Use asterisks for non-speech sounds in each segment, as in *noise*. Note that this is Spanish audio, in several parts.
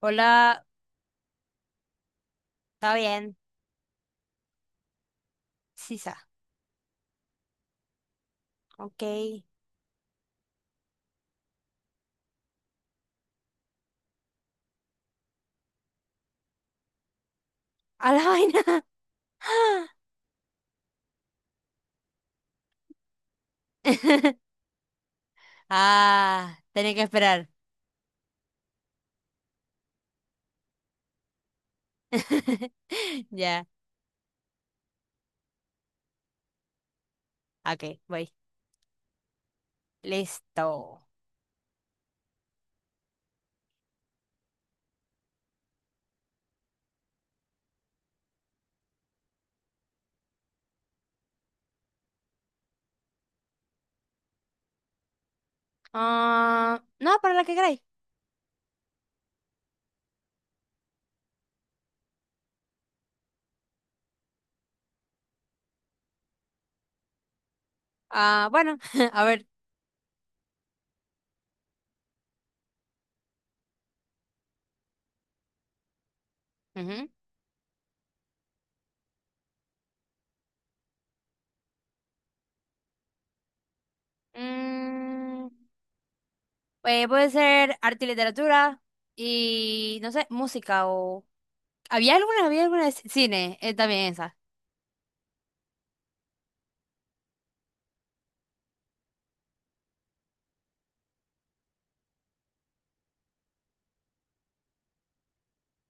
Hola, está bien. Sisa, ok. A la vaina. *laughs* Ah, tenía que esperar. *laughs* Ya, ok, voy. Listo. Ah, no, para la que queráis. Ah, bueno, *laughs* a ver. Ujú. Mm, puede ser arte y literatura y, no sé, música o... ¿Había alguna? ¿Había alguna de cine? También esa.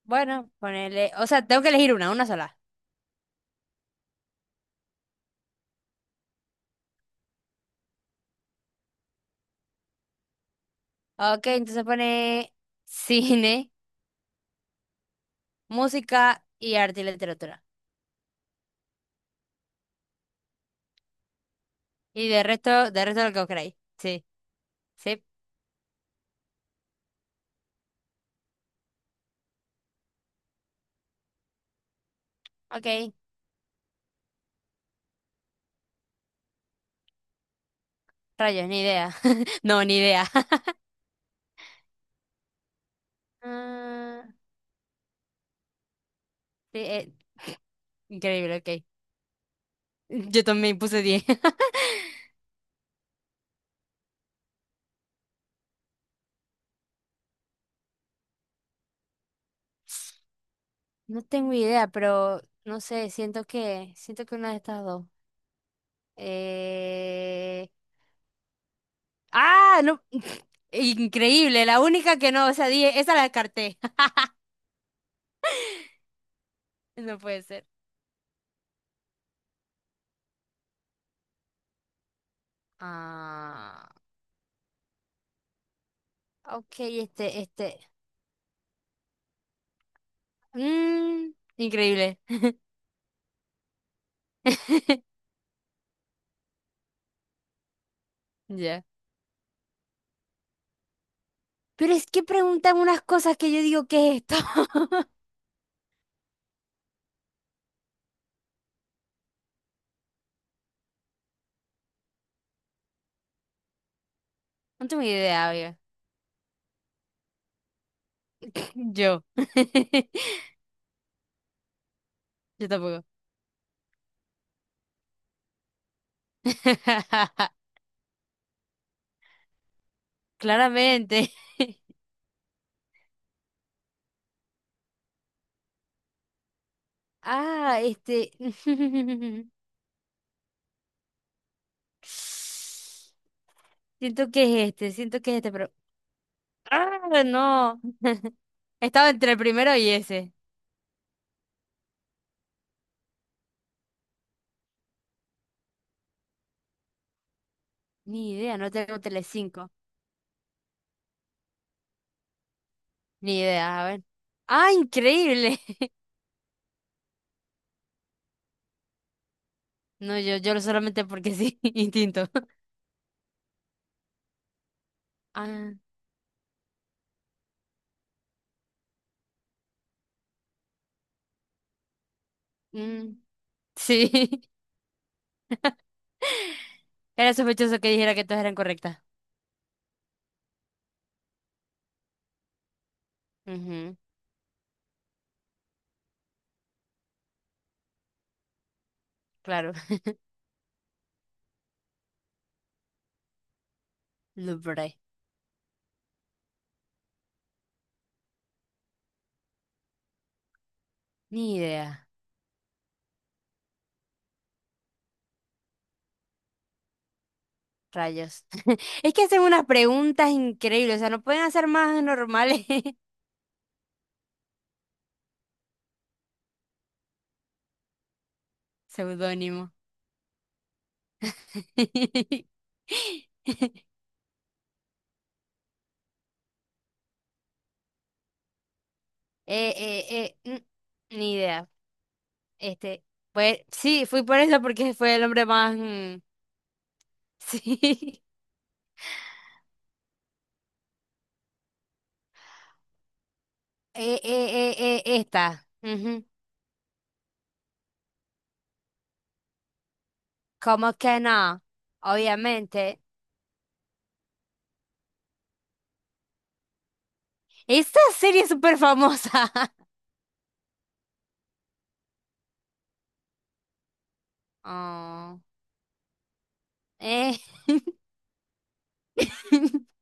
Bueno, ponele... O sea, tengo que elegir una sola. Ok, entonces pone cine, música y arte y literatura. Y de resto lo que vos queráis. Sí, sí. Ok, rayos, ni idea. *laughs* No, ni idea. *laughs* Ah, sí, increíble, ok. Yo también puse 10. *laughs* No tengo idea, pero no sé, siento que una de estas dos. Eh... Ah, no. *laughs* Increíble, la única que no, o sea, 10. Esa la descarté. *laughs* No puede ser. Ah, ok, este. Mm, increíble. *laughs* Ya. Pero es que preguntan unas cosas que yo digo, ¿qué es esto? *laughs* No tengo idea, oiga. Yo. *laughs* Yo tampoco. *laughs* Claramente. *laughs* Ah, este. *laughs* Siento que es este, pero. ¡Ah, no! *laughs* Estaba entre el primero y ese. Ni idea, no tengo Telecinco. Ni idea, a ver. ¡Ah, increíble! *laughs* No, yo solamente porque sí, *laughs* instinto. Ah, mm, sí. *laughs* Era sospechoso que dijera que todas eran correctas. Ujú, claro. *laughs* Louvre. Ni idea. Rayos. *laughs* Es que hacen unas preguntas increíbles. O sea, no pueden hacer más normales. *laughs* Seudónimo. *laughs* Eh, eh, eh, mm, ni idea. Este, pues sí, fui por eso porque fue el hombre más. Mm, *laughs* sí. Esta. Ujú. ¿Cómo que no? Obviamente. Esta serie es súper famosa. *laughs* Oh, eh. *laughs*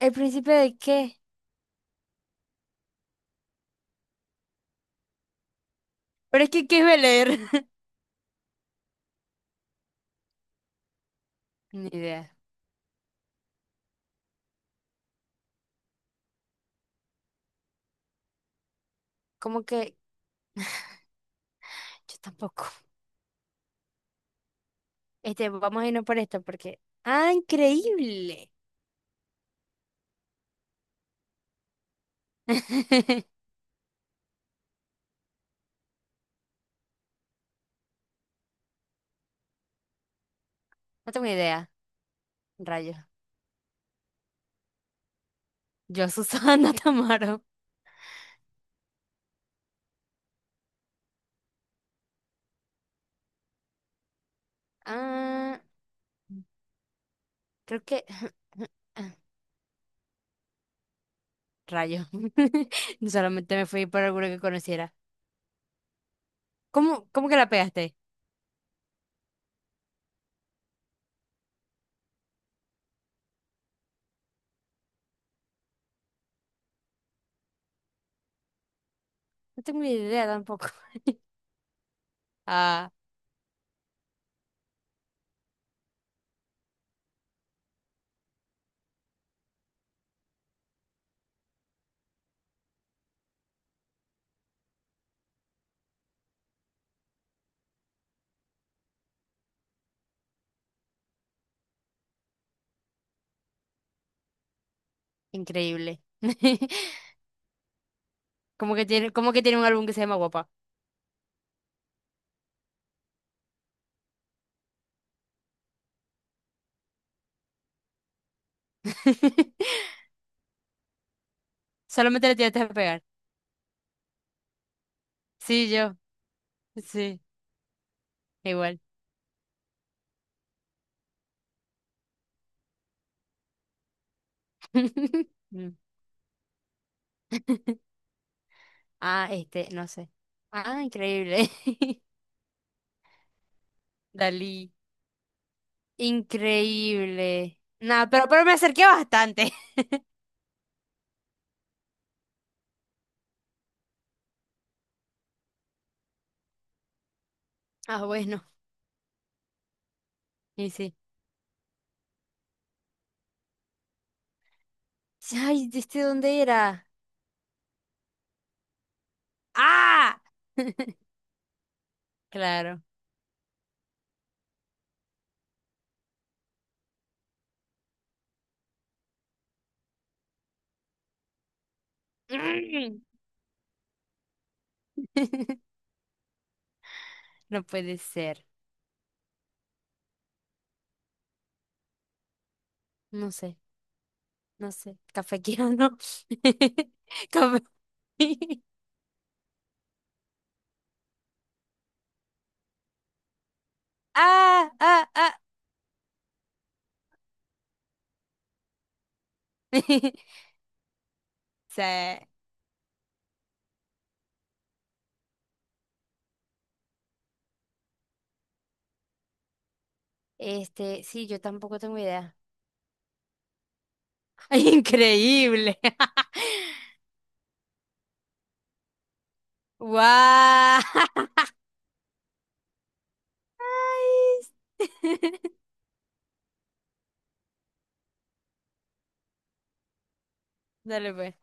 ¿El príncipe de qué? Pero es que, ¿qué iba a leer? *laughs* Ni idea. ¿Cómo que? Yo tampoco. Este, vamos a irnos por esto porque... ¡Ah, increíble! *laughs* No tengo idea. Rayos. Yo, Susana *laughs* Tamaro. Ah, creo que... *laughs* Rayo. *laughs* Solamente me fui por alguno que conociera. Cómo que la pegaste? No tengo ni idea tampoco. *laughs* Ah, increíble. *laughs* Como que tiene un álbum que se llama Guapa. *laughs* Solamente le tienes que pegar. Sí, yo. Sí, igual. *laughs* Mm. *laughs* Ah, este, no sé. Ah, increíble. *laughs* Dalí. Increíble. Nada, pero me acerqué bastante. *laughs* Ah, bueno. Y sí. Ay, ¿este dónde era? ¡Ah! *laughs* Claro. *laughs* No puede ser. No sé. No sé, cafequeando. *laughs* Café. Ah, ah, ah. *laughs* Sí, sí, yo tampoco tengo idea. *laughs* Increíble. *laughs* ¡Guau! *laughs* Dale pues.